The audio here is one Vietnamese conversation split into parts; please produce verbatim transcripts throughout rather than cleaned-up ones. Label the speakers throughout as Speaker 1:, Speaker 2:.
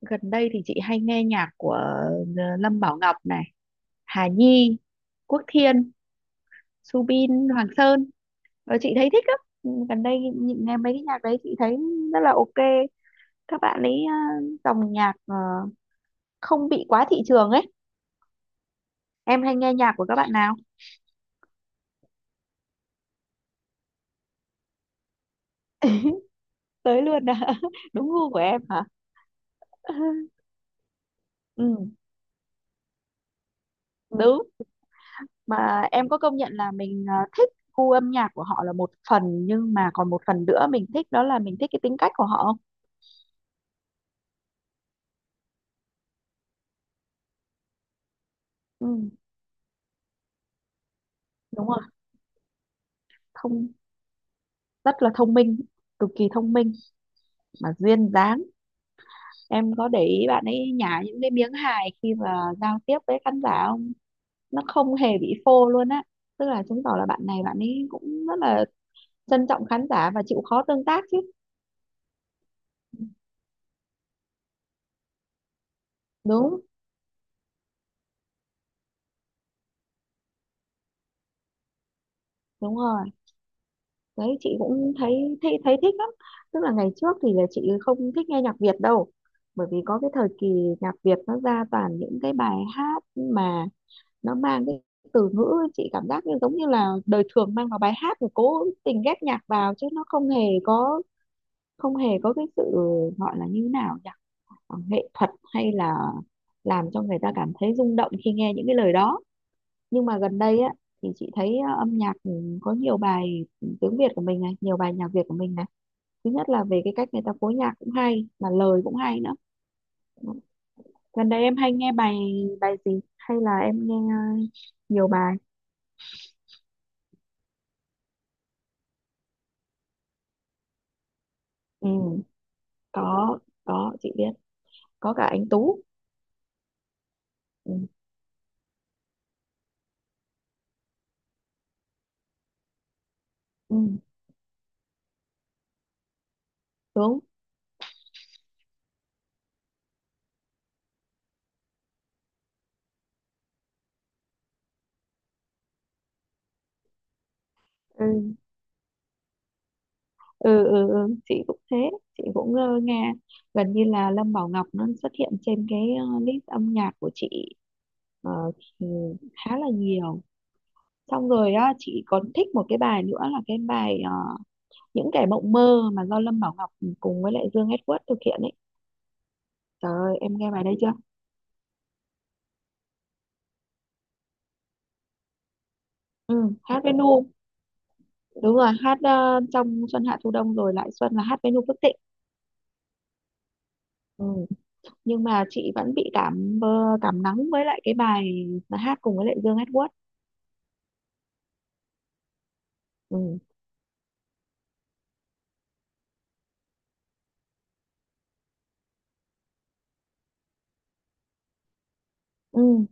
Speaker 1: Gần đây thì chị hay nghe nhạc của ờ, Lâm Bảo Ngọc này, Hà Nhi, Quốc Thiên, Subin Hoàng Sơn. Ờ, chị thấy thích lắm. Ừ, Gần đây nhìn- nghe mấy cái nhạc đấy chị thấy rất là ok. Các bạn ấy ờ, dòng nhạc ờ, không bị quá thị trường ấy. Em hay nghe nhạc của các bạn nào? Tới luôn à? Đúng gu của em hả? Ừ, đúng. Mà em có công nhận là mình ờ, thích gu âm nhạc của họ là một phần nhưng mà còn một phần nữa mình thích đó là mình thích cái tính cách của họ không? Ừ, đúng rồi. thông Rất là thông minh, cực kỳ thông minh mà duyên dáng. Em có để ý bạn ấy nhả những cái miếng hài khi mà giao tiếp với khán giả không? Nó không hề bị phô luôn á. Tức là chứng tỏ là bạn này bạn ấy cũng rất là trân trọng khán giả và chịu khó tương tác chứ. Đúng, đúng rồi. Đấy, chị cũng thấy thấy thấy thích lắm. Tức là ngày trước thì là chị không thích nghe nhạc Việt đâu, bởi vì có cái thời kỳ nhạc Việt nó ra toàn những cái bài hát mà nó mang cái từ ngữ chị cảm giác như giống như là đời thường mang vào bài hát rồi cố tình ghép nhạc vào chứ nó không hề có, không hề có cái sự gọi là như thế nào nhỉ, Ờ, nghệ thuật, hay là làm cho người ta cảm thấy rung động khi nghe những cái lời đó. Nhưng mà gần đây á thì chị thấy ờ, âm nhạc ừ, có nhiều bài tiếng Việt của mình này, nhiều bài nhạc Việt của mình này, thứ nhất là về cái cách người ta phối nhạc cũng hay mà lời cũng hay nữa. Gần đây em hay nghe bài bài gì hay là em nghe ờ, nhiều bài. Ừ, có có chị biết. Có cả anh Tú. Ừ, ừ, đúng. Ừ. Ừ, ừ, ừ, chị cũng thế. Chị cũng ờ, nghe gần như là Lâm Bảo Ngọc nó xuất hiện trên cái ờ, list âm nhạc của chị ờ, ừ, khá là nhiều. Xong rồi á chị còn thích một cái bài nữa là cái bài ờ, Những Kẻ Mộng Mơ mà do Lâm Bảo Ngọc cùng với lại Dương Edward thực hiện ấy. Trời ơi, em nghe bài đây chưa? Ừ, hát với Nu. Đúng rồi, hát ờ, trong Xuân Hạ Thu Đông Rồi Lại Xuân là hát với Nu Phước Thịnh. Ừ. Nhưng mà chị vẫn bị cảm mơ cảm nắng với lại cái bài mà hát cùng với lại Dương Edward. Ừ. Ừ.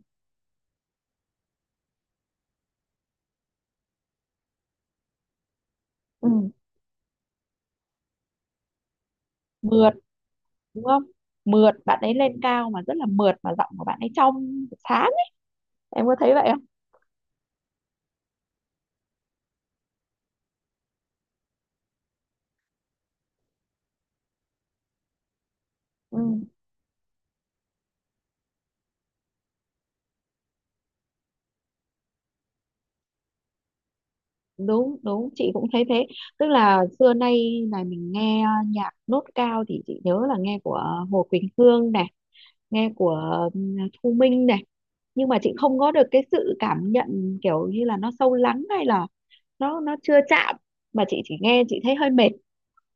Speaker 1: Ừ. Mượt, đúng không? Mượt, bạn ấy lên cao mà rất là mượt mà giọng của bạn ấy trong sáng ấy. Em có thấy vậy không? Ừ. Đúng, đúng, chị cũng thấy thế. Tức là xưa nay này mình nghe nhạc nốt cao thì chị nhớ là nghe của Hồ Quỳnh Hương này, nghe của ừ, Thu Minh này. Nhưng mà chị không có được cái sự cảm nhận kiểu như là nó sâu lắng hay là nó nó chưa chạm, mà chị chỉ nghe chị thấy hơi mệt.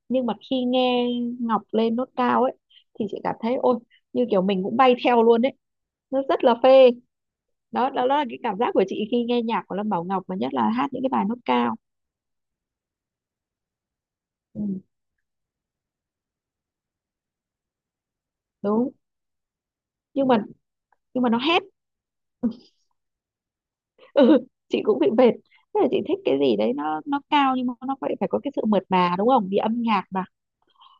Speaker 1: Nhưng mà khi nghe Ngọc lên nốt cao ấy thì chị cảm thấy ôi, như kiểu mình cũng bay theo luôn ấy, nó rất là phê. Đó đó, đó là cái cảm giác của chị khi nghe nhạc của Lâm Bảo Ngọc mà nhất là hát những cái bài nốt cao. Ừ, đúng. Nhưng mà nhưng mà nó hét. Ừ, chị cũng bị mệt. Thế là chị thích cái gì đấy nó nó cao nhưng mà nó phải phải có cái sự mượt mà, đúng không? Vì âm nhạc mà,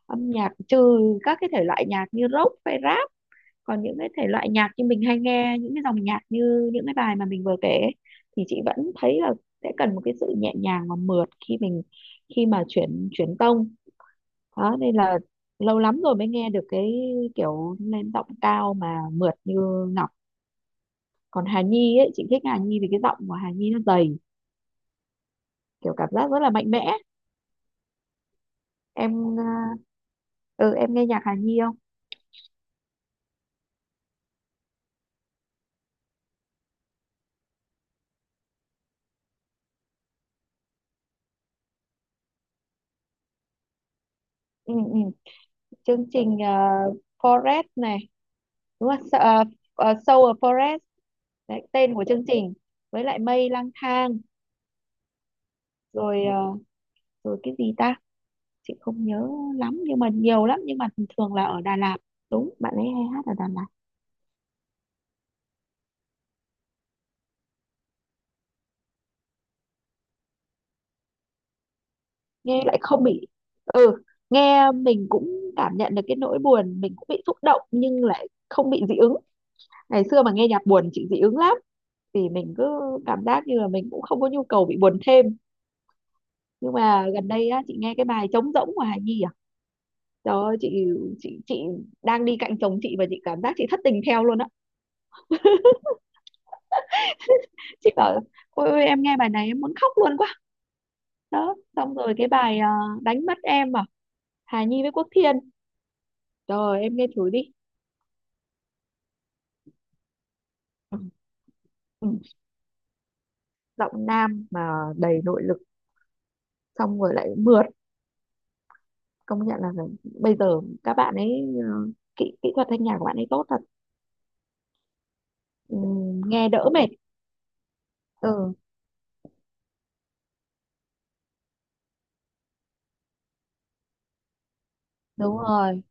Speaker 1: âm nhạc trừ các cái thể loại nhạc như rock hay rap. Còn những cái thể loại nhạc như mình hay nghe, những cái dòng nhạc như những cái bài mà mình vừa kể ấy, thì chị vẫn thấy là sẽ cần một cái sự nhẹ nhàng và mượt khi mình khi mà chuyển chuyển tông đó, nên là lâu lắm rồi mới nghe được cái kiểu lên giọng cao mà mượt như Ngọc. Còn Hà Nhi ấy chị thích Hà Nhi vì cái giọng của Hà Nhi nó dày, kiểu cảm giác rất là mạnh mẽ. em ờ, ừ em nghe nhạc Hà Nhi không? Ừ, ừ. Chương trình uh, Forest này, đúng không? Uh, Soul of Forest. Đấy, tên của chương trình, với lại Mây Lang Thang. Rồi ờ, rồi cái gì ta, chị không nhớ lắm nhưng mà nhiều lắm, nhưng mà thường là ở Đà Lạt. Đúng, bạn ấy hay hát ở Đà Lạt. Nghe lại không bị. Ừ, nghe mình cũng cảm nhận được cái nỗi buồn, mình cũng bị xúc động nhưng lại không bị dị ứng. Ngày xưa mà nghe nhạc buồn chị dị ứng lắm, thì mình cứ cảm giác như là mình cũng không có nhu cầu bị buồn thêm. Nhưng mà gần đây á chị nghe cái bài Trống Rỗng của Hà Nhi à, trời ơi, chị chị chị đang đi cạnh chồng chị và chị cảm giác chị thất tình theo luôn á. Chị bảo ôi, ôi em nghe bài này em muốn khóc luôn quá. Đó, xong rồi cái bài à, Đánh Mất Em à, Hà Nhi với Quốc Thiên, rồi em nghe thử đi. Ừ. Ừ, giọng nam mà đầy nội lực, xong rồi lại mượt. Công nhận là phải- bây giờ các bạn ấy ờ, kỹ kỹ thuật thanh nhạc của bạn ấy tốt thật. Ừ, nghe đỡ mệt. Ừ, đúng rồi.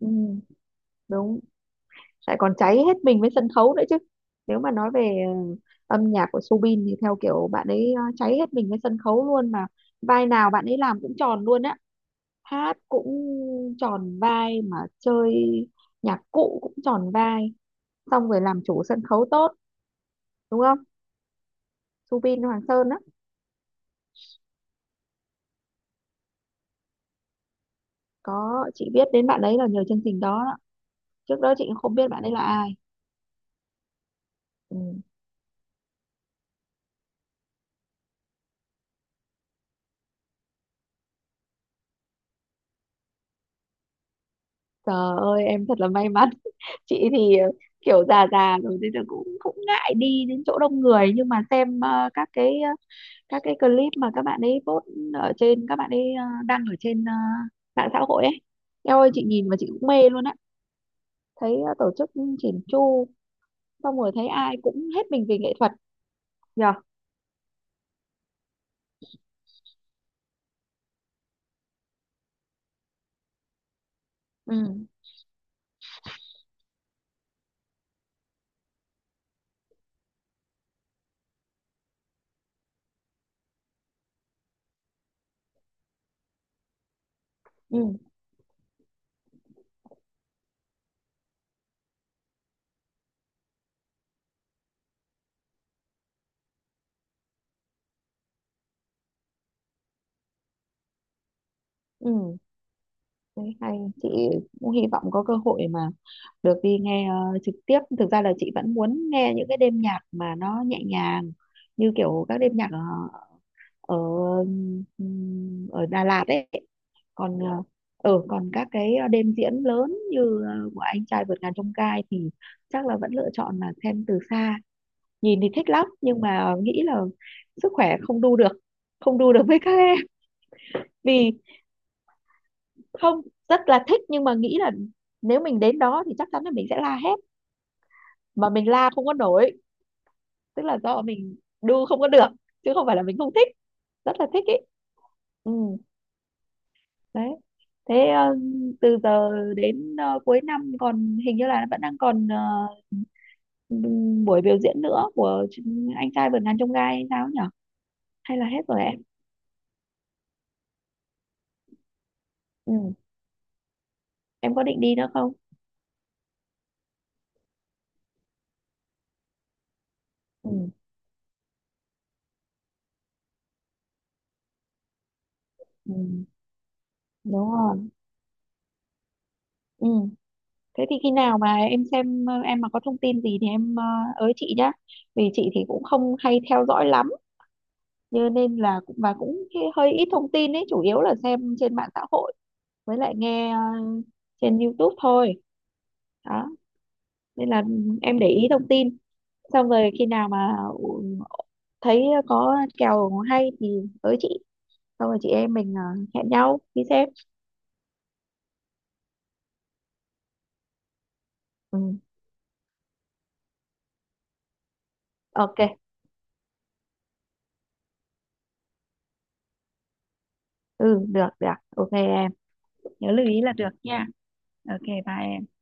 Speaker 1: Ừ, đúng. Lại còn cháy hết mình với sân khấu nữa chứ. Nếu mà nói về ờ, âm nhạc của Soobin thì theo kiểu bạn ấy ờ, cháy hết mình với sân khấu luôn mà, vai nào bạn ấy làm cũng tròn luôn á. Hát cũng tròn vai mà chơi nhạc cụ cũng tròn vai, xong rồi làm chủ sân khấu tốt, đúng không? Soobin Hoàng Sơn á. Có, chị biết đến bạn ấy là nhờ chương trình đó, đó. Trước đó chị cũng không biết bạn ấy là ai. Ừ. Trời ơi em thật là may mắn. Chị thì ờ, kiểu già già rồi nên là cũng cũng ngại đi đến chỗ đông người, nhưng mà xem ờ, các cái ờ, các cái clip mà các bạn ấy post ở trên, các bạn ấy ờ, đăng ở trên ờ, mạng xã hội ấy. Em ơi, chị nhìn mà chị cũng mê luôn á. Thấy ờ, tổ chức chỉn chu, xong rồi thấy ai cũng hết mình vì nghệ thuật. Nhờ. Ừ, ừ, ừ. Đấy, hay. Chị cũng hy vọng có cơ hội mà được đi nghe ờ, trực tiếp. Thực ra là chị vẫn muốn nghe những cái đêm nhạc mà nó nhẹ nhàng, như kiểu các đêm nhạc ờ, ở ừm, ở Đà Lạt ấy. Còn ờ, ở Còn các cái đêm diễn lớn như ờ, của Anh Trai Vượt Ngàn Chông Gai thì chắc là vẫn lựa chọn là xem từ xa. Nhìn thì thích lắm nhưng mà nghĩ là sức khỏe không đu được, không đu được với các em. Vì không, rất là thích nhưng mà nghĩ là nếu mình đến đó thì chắc chắn là mình sẽ la hét mà mình la không có nổi. Tức là do mình đu không có được chứ không phải là mình không thích, rất là thích ý. Ừ, đấy. Thế ờ, từ giờ đến ờ, cuối năm còn hình như là vẫn đang còn ờ, ừm, buổi biểu diễn nữa của ch- Anh Trai Vượt Ngàn Chông Gai hay sao nhỉ, hay là hết rồi em? Ừ, em có định đi nữa không? Ừ, ừ, đúng rồi. Ừ. Thế thì khi nào mà em xem ờ, em mà có thông tin gì thì em ờ, ới chị nhá. Vì chị thì cũng không hay theo dõi lắm, cho nên là cũng và cũng hi- hơi ít thông tin ấy, chủ yếu là xem trên mạng xã hội với lại nghe ờ, trên YouTube thôi. Đó, nên là em để ý thông tin. Xong rồi khi nào mà ừ, thấy có kèo hay thì ới chị, xong rồi chị em mình ờ, hẹn nhau đi xem. Ừ, ok. Ừ, được được. Ok em, nhớ lưu ý là được nha. Ok, bye em.